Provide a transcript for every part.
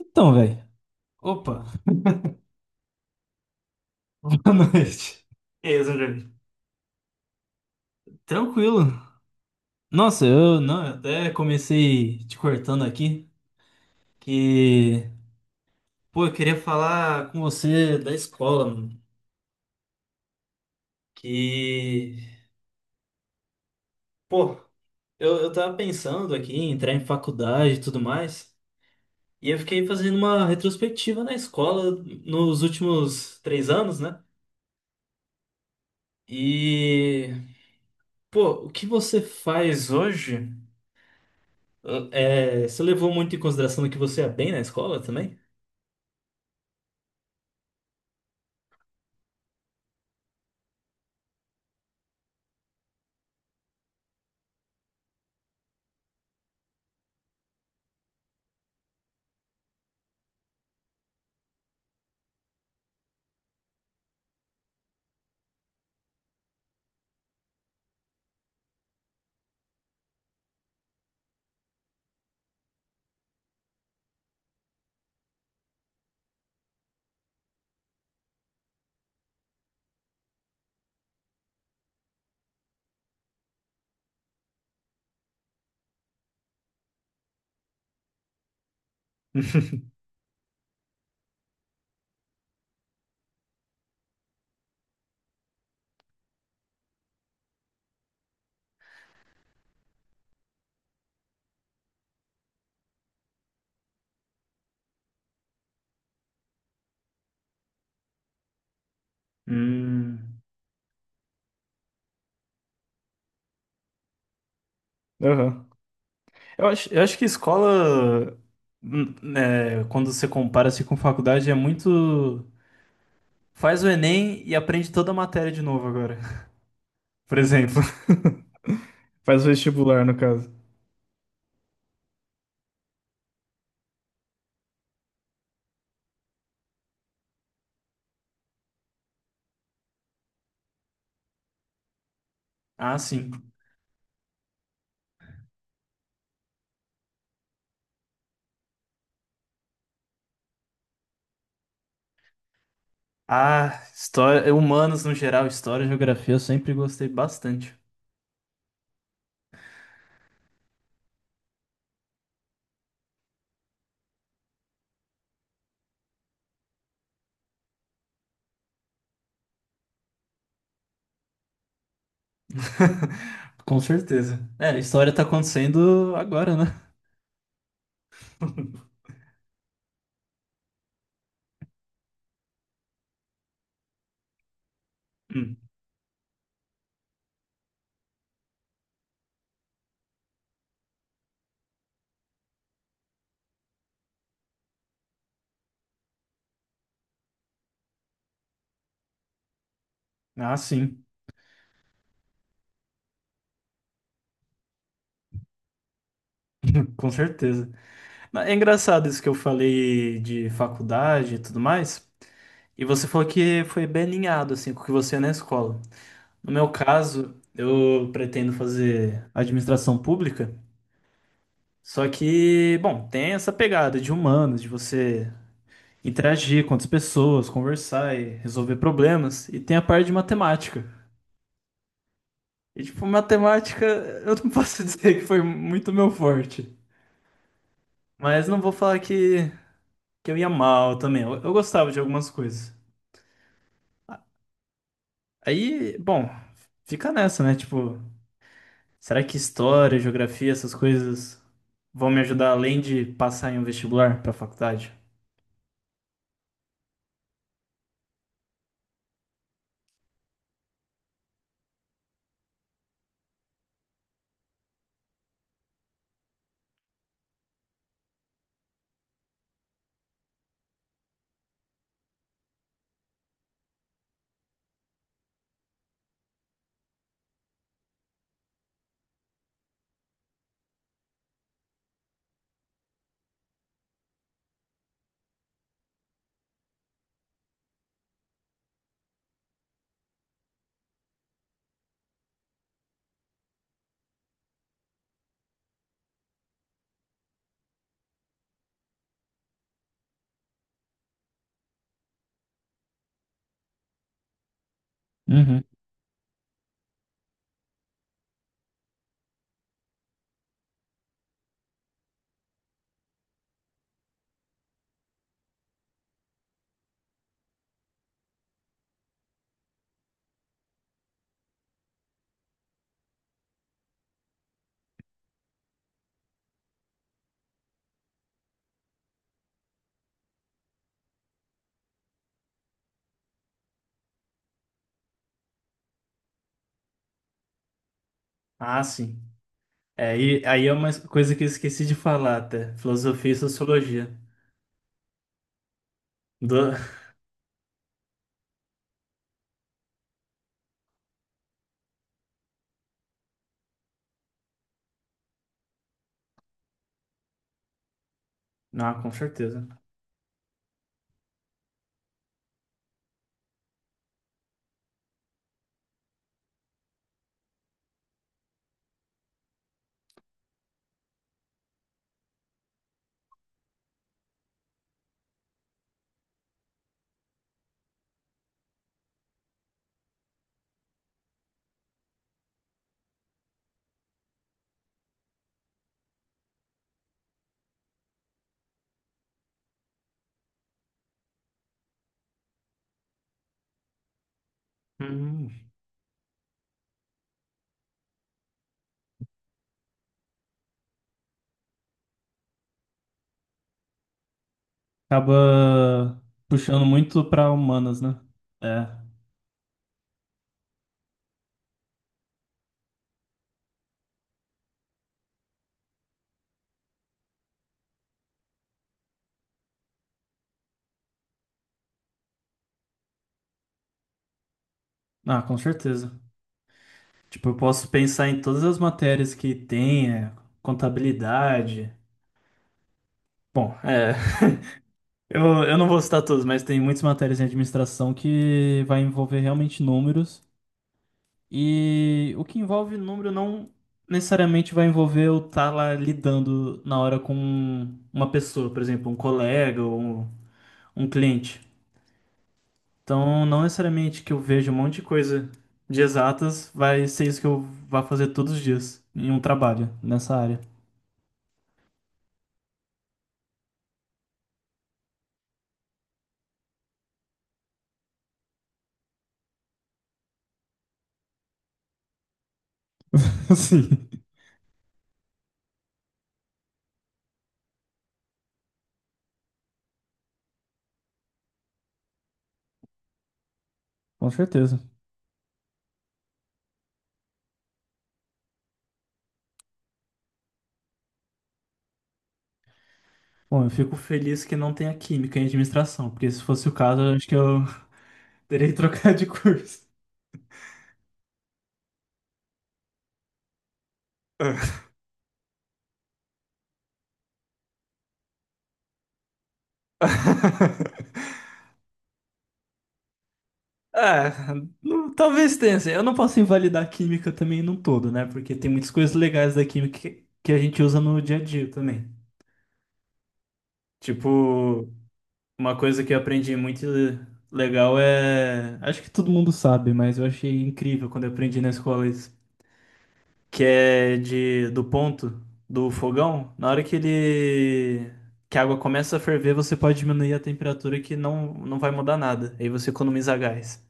Então, velho. Opa, boa noite. E aí, Zangari? Tranquilo. Nossa, eu não, eu até comecei te cortando aqui, que, pô, eu queria falar com você da escola, mano. Que, pô, eu tava pensando aqui em entrar em faculdade e tudo mais, e eu fiquei fazendo uma retrospectiva na escola nos últimos três anos, né? E, pô, o que você faz hoje? É, você levou muito em consideração que você é bem na escola também? Hum, aham. Eu acho que escola, né, quando você compara assim com faculdade, é muito. Faz o Enem e aprende toda a matéria de novo agora. Por exemplo. Faz vestibular, no caso. Ah, sim. Ah, história, humanos no geral, história geografia eu sempre gostei bastante. Com certeza. É, a história tá acontecendo agora, né? Hum. Ah, sim, com certeza. É engraçado isso que eu falei de faculdade e tudo mais. E você falou que foi bem alinhado assim com o que você é na escola. No meu caso, eu pretendo fazer administração pública, só que, bom, tem essa pegada de humanos, de você interagir com outras pessoas, conversar e resolver problemas, e tem a parte de matemática. E tipo, matemática, eu não posso dizer que foi muito meu forte, mas não vou falar que eu ia mal também. Eu gostava de algumas coisas. Aí, bom, fica nessa, né? Tipo, será que história, geografia, essas coisas vão me ajudar além de passar em um vestibular pra faculdade? Uhum. Ah, sim. É, e, aí é uma coisa que eu esqueci de falar até. Filosofia e sociologia. Do... Ah, com certeza. Hum, Acaba puxando muito pra humanas, né? É. Ah, com certeza. Tipo, eu posso pensar em todas as matérias que tem, é, contabilidade. Bom, é. Eu, eu não vou citar todos, mas tem muitas matérias em administração que vai envolver realmente números. E o que envolve número não necessariamente vai envolver eu estar lá lidando na hora com uma pessoa, por exemplo, um colega ou um cliente. Então, não necessariamente que eu veja um monte de coisa de exatas vai ser isso que eu vá fazer todos os dias em um trabalho nessa área. Sim, com certeza. Bom, eu fico feliz que não tenha química em administração, porque se fosse o caso, eu acho que eu terei que trocar de curso. Ah, não, talvez tenha, assim. Eu não posso invalidar a química também num todo, né? Porque tem muitas coisas legais da química que a gente usa no dia a dia também. Tipo, uma coisa que eu aprendi muito legal é, acho que todo mundo sabe, mas eu achei incrível quando eu aprendi na escola, que é de do ponto do fogão, na hora que ele que a água começa a ferver, você pode diminuir a temperatura que não vai mudar nada. Aí você economiza gás.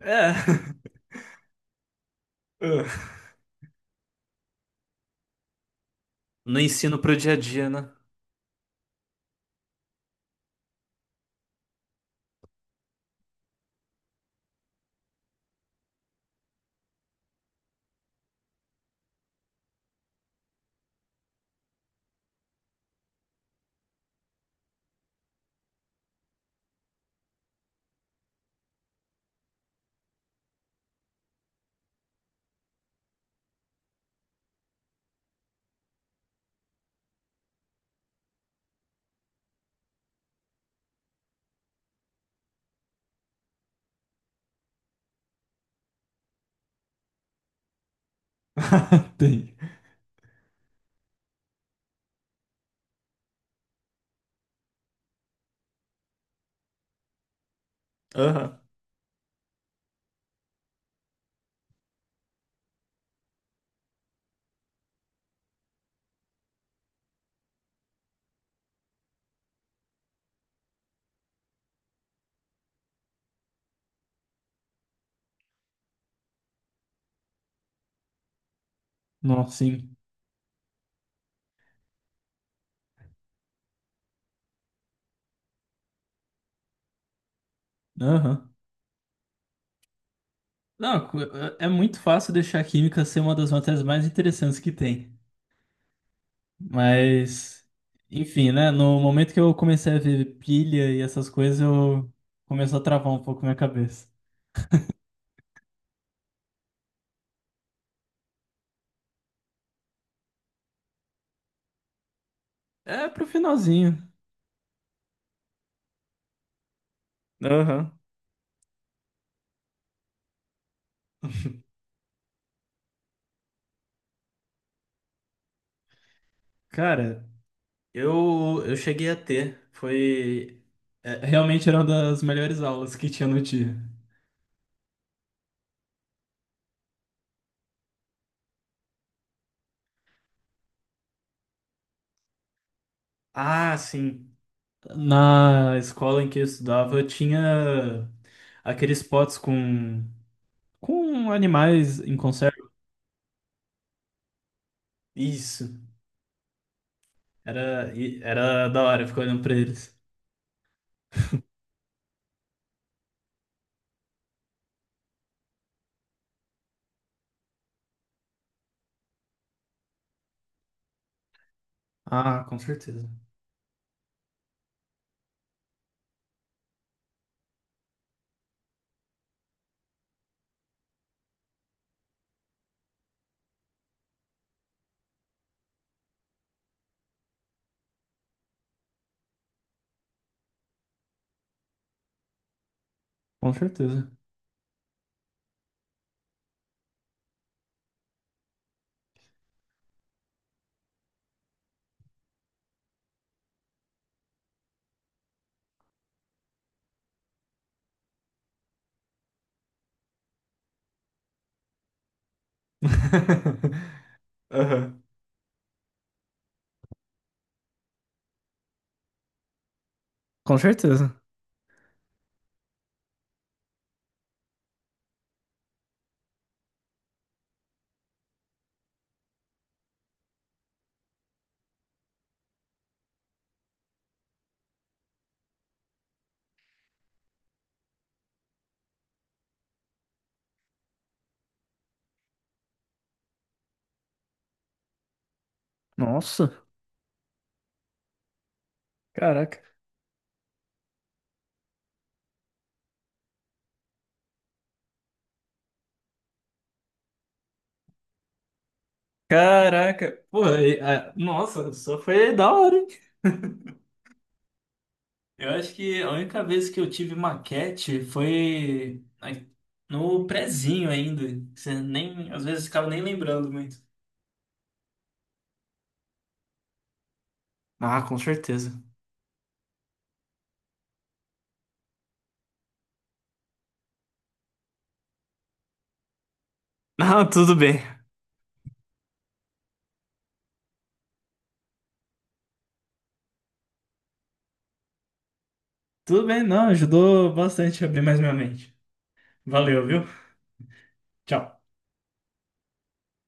É. Ah. No ensino pro dia a dia, né? Tem. Aham. Nossa, sim. Aham. Não, cu- é muito fácil deixar a química ser uma das matérias mais interessantes que tem. Mas, enfim, né? No momento que eu comecei a ver pilha e essas coisas, eu começou a travar um pouco minha cabeça. É pro finalzinho. Aham. Cara, eu cheguei a ter. Foi. É, realmente era uma das melhores aulas que tinha no dia. Ah, sim. Na escola em que eu estudava, eu tinha aqueles potes com animais em conserva. Isso. Era da hora ficar olhando pra eles. Ah, com certeza. Com certeza. Aham. Com certeza. Nossa, caraca. Caraca, pô, e- ah, nossa, só foi da hora, hein? Eu acho que a única vez que eu tive maquete foi na- no prezinho ainda. Você nem, às vezes ficava nem lembrando muito. Ah, com certeza. Não, tudo bem. Tudo bem, não, ajudou bastante a abrir mais minha mente. Valeu, viu? Tchau.